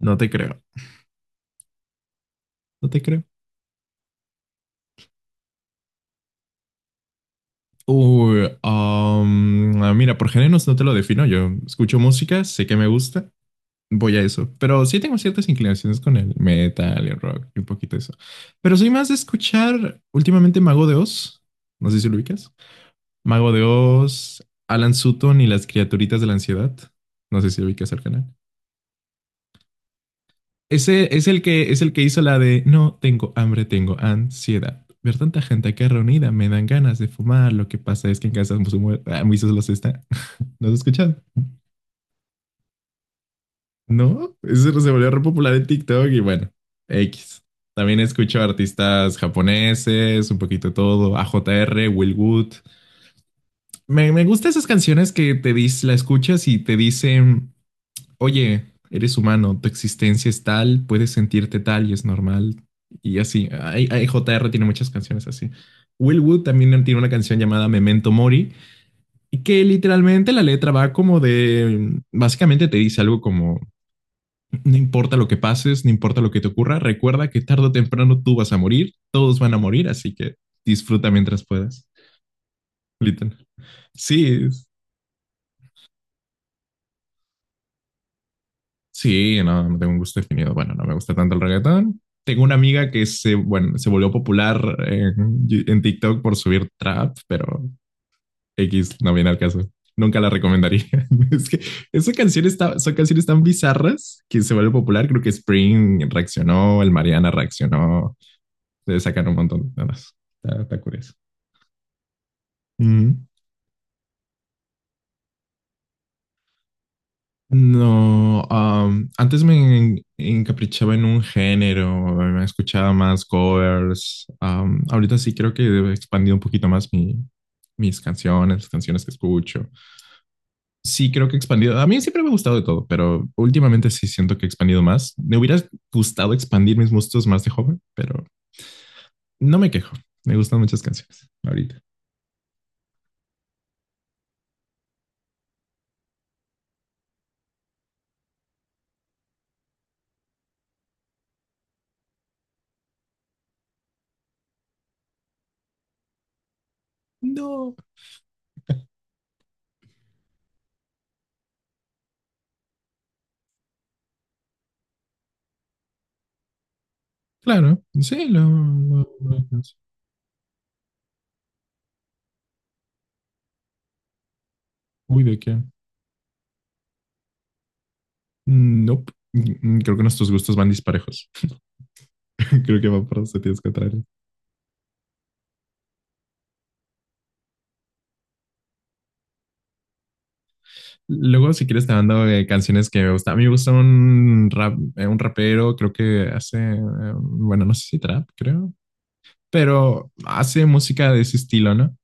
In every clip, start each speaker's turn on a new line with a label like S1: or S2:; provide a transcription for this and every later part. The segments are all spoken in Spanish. S1: No te creo, no te creo. Mira, por géneros no te lo defino. Yo escucho música, sé que me gusta, voy a eso. Pero sí tengo ciertas inclinaciones con el metal, el rock y un poquito eso. Pero soy más de escuchar últimamente Mago de Oz. No sé si lo ubicas. Mago de Oz, Alan Sutton y las criaturitas de la ansiedad. No sé si ubicas al canal. Ese es el que hizo la de no tengo hambre, tengo ansiedad. Ver tanta gente aquí reunida me dan ganas de fumar. Lo que pasa es que en casa Moisés los está. ¿No has escuchado? No, eso se volvió re popular en TikTok y bueno, X. También escucho artistas japoneses, un poquito todo, A J R Will Wood. Me gustan esas canciones que la escuchas y te dicen oye, eres humano, tu existencia es tal, puedes sentirte tal y es normal. Y así, JR tiene muchas canciones así. Will Wood también tiene una canción llamada Memento Mori, y que literalmente la letra va básicamente te dice algo como, no importa lo que pases, no importa lo que te ocurra, recuerda que tarde o temprano tú vas a morir, todos van a morir, así que disfruta mientras puedas. Literal. Sí, sí, no, no tengo un gusto definido. Bueno, no me gusta tanto el reggaetón. Tengo una amiga que se volvió popular en TikTok por subir trap, pero X no viene al caso. Nunca la recomendaría. Es que esa canción está, son canciones tan bizarras que se vuelve popular. Creo que Spring reaccionó, el Mariana reaccionó. Se sacan un montón de cosas. Está curioso. No, antes encaprichaba en un género, me escuchaba más covers. Ahorita sí creo que he expandido un poquito más mis canciones, las canciones que escucho. Sí creo que he expandido. A mí siempre me ha gustado de todo, pero últimamente sí siento que he expandido más. Me hubiera gustado expandir mis gustos más de joven, pero no me quejo, me gustan muchas canciones ahorita. No, claro, sí, Uy, ¿de qué? Nope. Creo que nuestros gustos van disparejos. Creo que va por sentidos contrarios. Luego, si quieres, te mando canciones que me gustan. A mí me gusta un rap, un rapero, creo que hace, eh, bueno, no sé si trap, creo. Pero hace música de ese estilo, ¿no?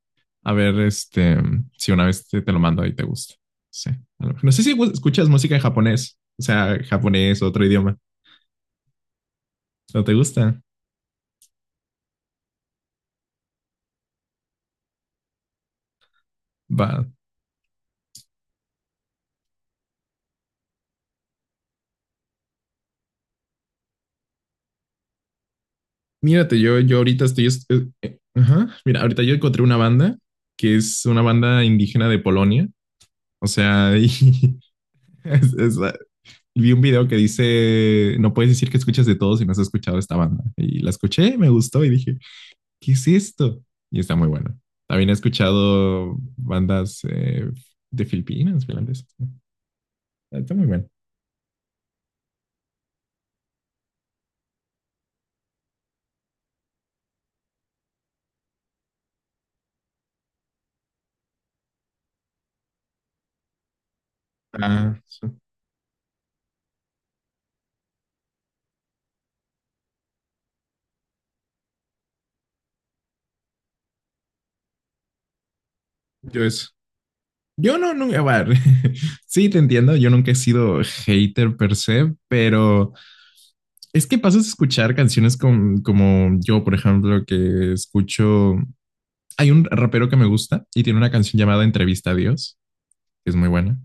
S1: A ver, este, si una vez te lo mando y te gusta. Sí. A lo mejor. No sé si escuchas música en japonés, o sea, japonés, otro idioma. ¿No te gusta? Va. Mírate, yo ahorita estoy... ajá. Mira, ahorita yo encontré una banda que es una banda indígena de Polonia. O sea, y es- es- ah, vi un video que dice, no puedes decir que escuchas de todo si no has escuchado esta banda. Y la escuché, me gustó y dije, ¿qué es esto? Y está muy bueno. También he escuchado bandas de Filipinas, finlandesas. Está muy bueno. Ah, sí. Yo eso. Yo no, nunca, bueno, sí, te entiendo, yo nunca he sido hater per se, pero es que pasas a escuchar canciones como yo, por ejemplo, hay un rapero que me gusta y tiene una canción llamada Entrevista a Dios, que es muy buena.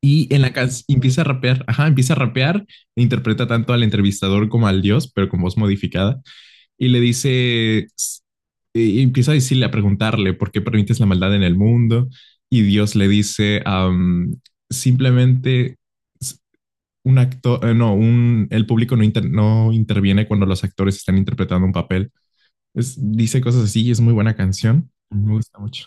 S1: Y en la canción empieza a rapear, ajá, empieza a rapear, e interpreta tanto al entrevistador como al dios, pero con voz modificada, y le dice, y empieza a decirle, a preguntarle, ¿por qué permites la maldad en el mundo? Y Dios le dice, simplemente un actor, un, el público no interviene cuando los actores están interpretando un papel. Es, dice cosas así y es muy buena canción. Me gusta mucho.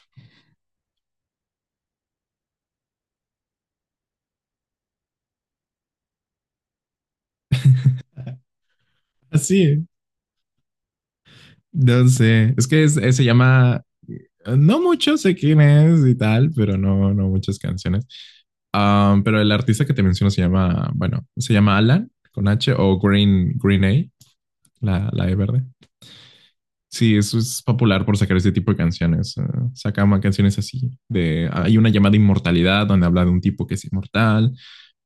S1: Así, no sé, es que se llama no mucho, sé quién es y tal, pero no, no muchas canciones. Pero el artista que te menciono se llama, bueno, se llama Alan con H o Green, Green A, la E verde. Sí, eso es popular por sacar ese tipo de canciones. Sacamos canciones así. De, hay una llamada Inmortalidad donde habla de un tipo que es inmortal.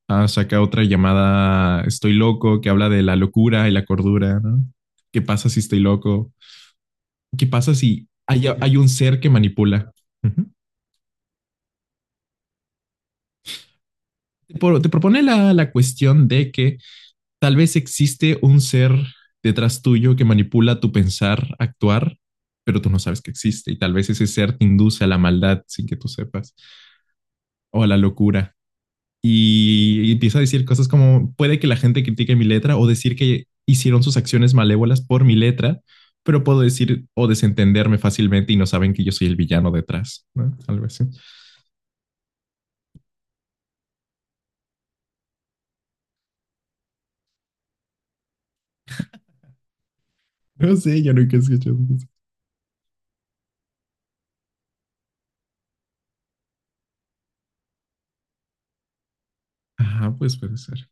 S1: Ah, saca otra llamada Estoy loco que habla de la locura y la cordura. ¿No? ¿Qué pasa si estoy loco? ¿Qué pasa si hay un ser que manipula? Uh -huh. Por, te propone la cuestión de que tal vez existe un ser detrás tuyo que manipula tu pensar, actuar, pero tú no sabes que existe y tal vez ese ser te induce a la maldad sin que tú sepas o a la locura. Y empieza a decir cosas como puede que la gente critique mi letra o decir que hicieron sus acciones malévolas por mi letra, pero puedo decir o desentenderme fácilmente y no saben que yo soy el villano detrás, ¿no? Algo así. No sé, yo nunca he escuchado eso. Ajá, pues puede ser.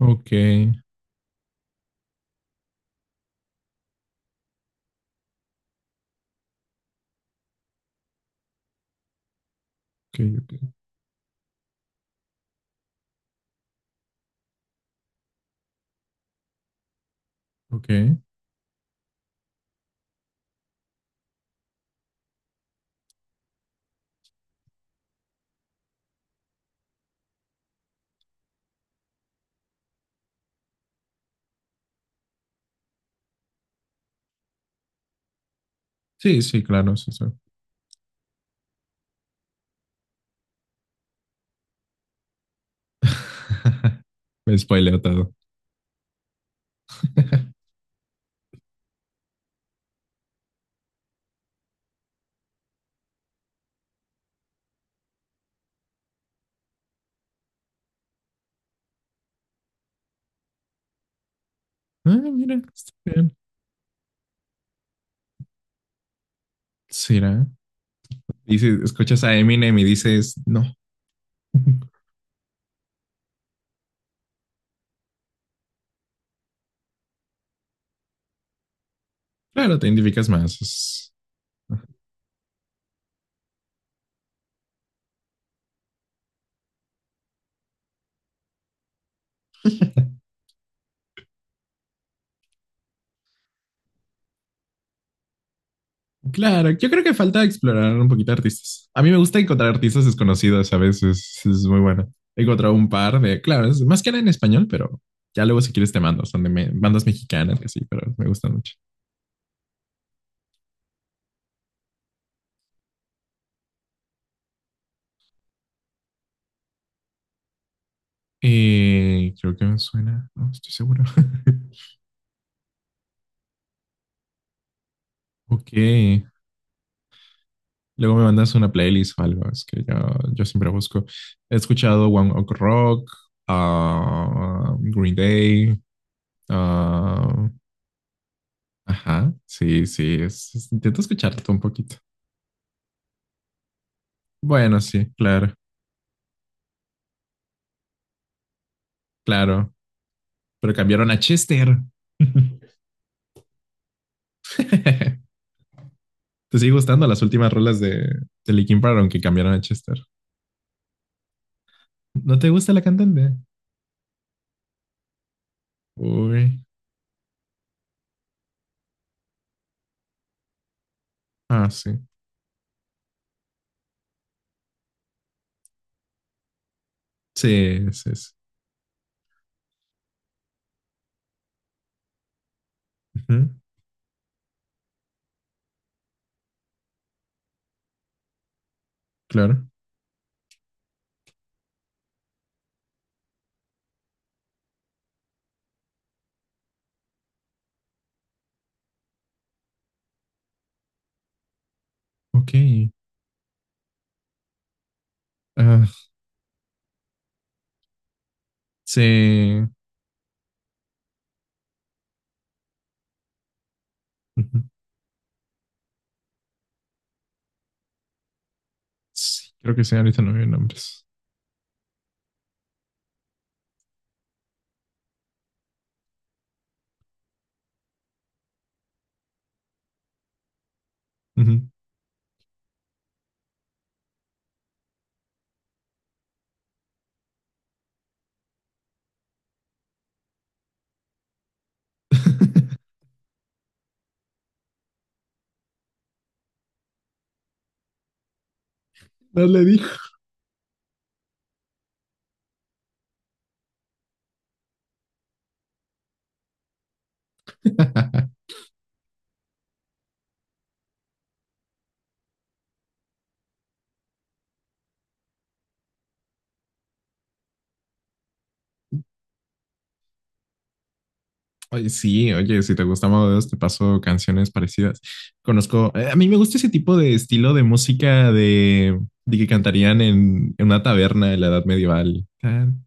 S1: Ok, ok, ok. Ok. Sí, sí, claro, sí, sí. Me spoileo todo. Ah, mira, está bien. ¿Será? Y si escuchas a Eminem y dices, no, claro, te identificas más. Es- Claro, yo creo que falta explorar un poquito artistas. A mí me gusta encontrar artistas desconocidos a veces, es muy bueno. He encontrado un par de, claro, es más que nada en español, pero ya luego si quieres te mando, son de bandas mexicanas y así, pero me gustan mucho. Creo que me suena, no estoy seguro. Ok, luego me mandas una playlist o algo, es que yo siempre busco. He escuchado One Ok Rock, ah, Green Day, ah, ajá, sí, sí, intento escucharte un poquito. Bueno, sí, claro, claro, pero cambiaron a Chester. ¿Te sigue gustando las últimas rolas de Linkin Park, aunque cambiaron a Chester? ¿No te gusta la cantante? Uy, ah, sí, sí, sí, sí. Ujú, claro, ok. Ah, sí, ujú. Sí, creo que sí, ahorita no veo nombres. Ujú. No le dije. Oye, sí, oye, si te gusta Mago de Dios, te paso canciones parecidas. Conozco, a mí me gusta ese tipo de estilo de música de que cantarían en una taberna de la Edad Medieval tan,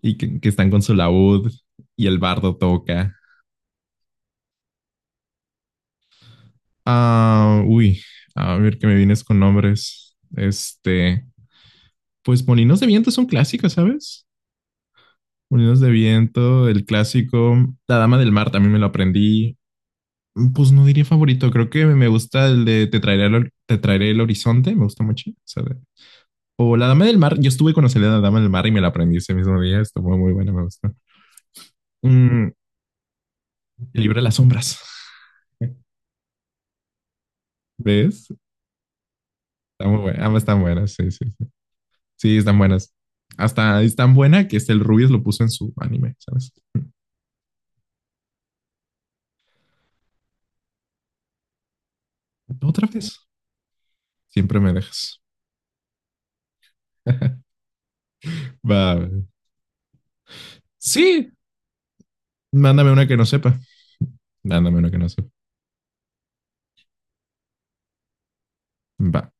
S1: y que están con su laúd y el bardo toca. Ah, uy, a ver que me vienes con nombres. Este, pues Molinos de Viento es un clásico, ¿sabes? Molinos de Viento, el clásico. La Dama del Mar también me lo aprendí. Pues no diría favorito, creo que me gusta el de te traeré el horizonte, me gusta mucho. O La Dama del Mar, yo estuve con la salida de La Dama del Mar y me la aprendí ese mismo día, estuvo muy buena, me gustó. Mm, el libro de las sombras. ¿Ves? Está muy buena, ambas están buenas, sí, sí, sí. Sí, están buenas. Hasta es tan buena que este el Rubius lo puso en su anime, ¿sabes? Otra vez, siempre me dejas. Va. Sí, mándame una que no sepa. Mándame una que no sepa. Va.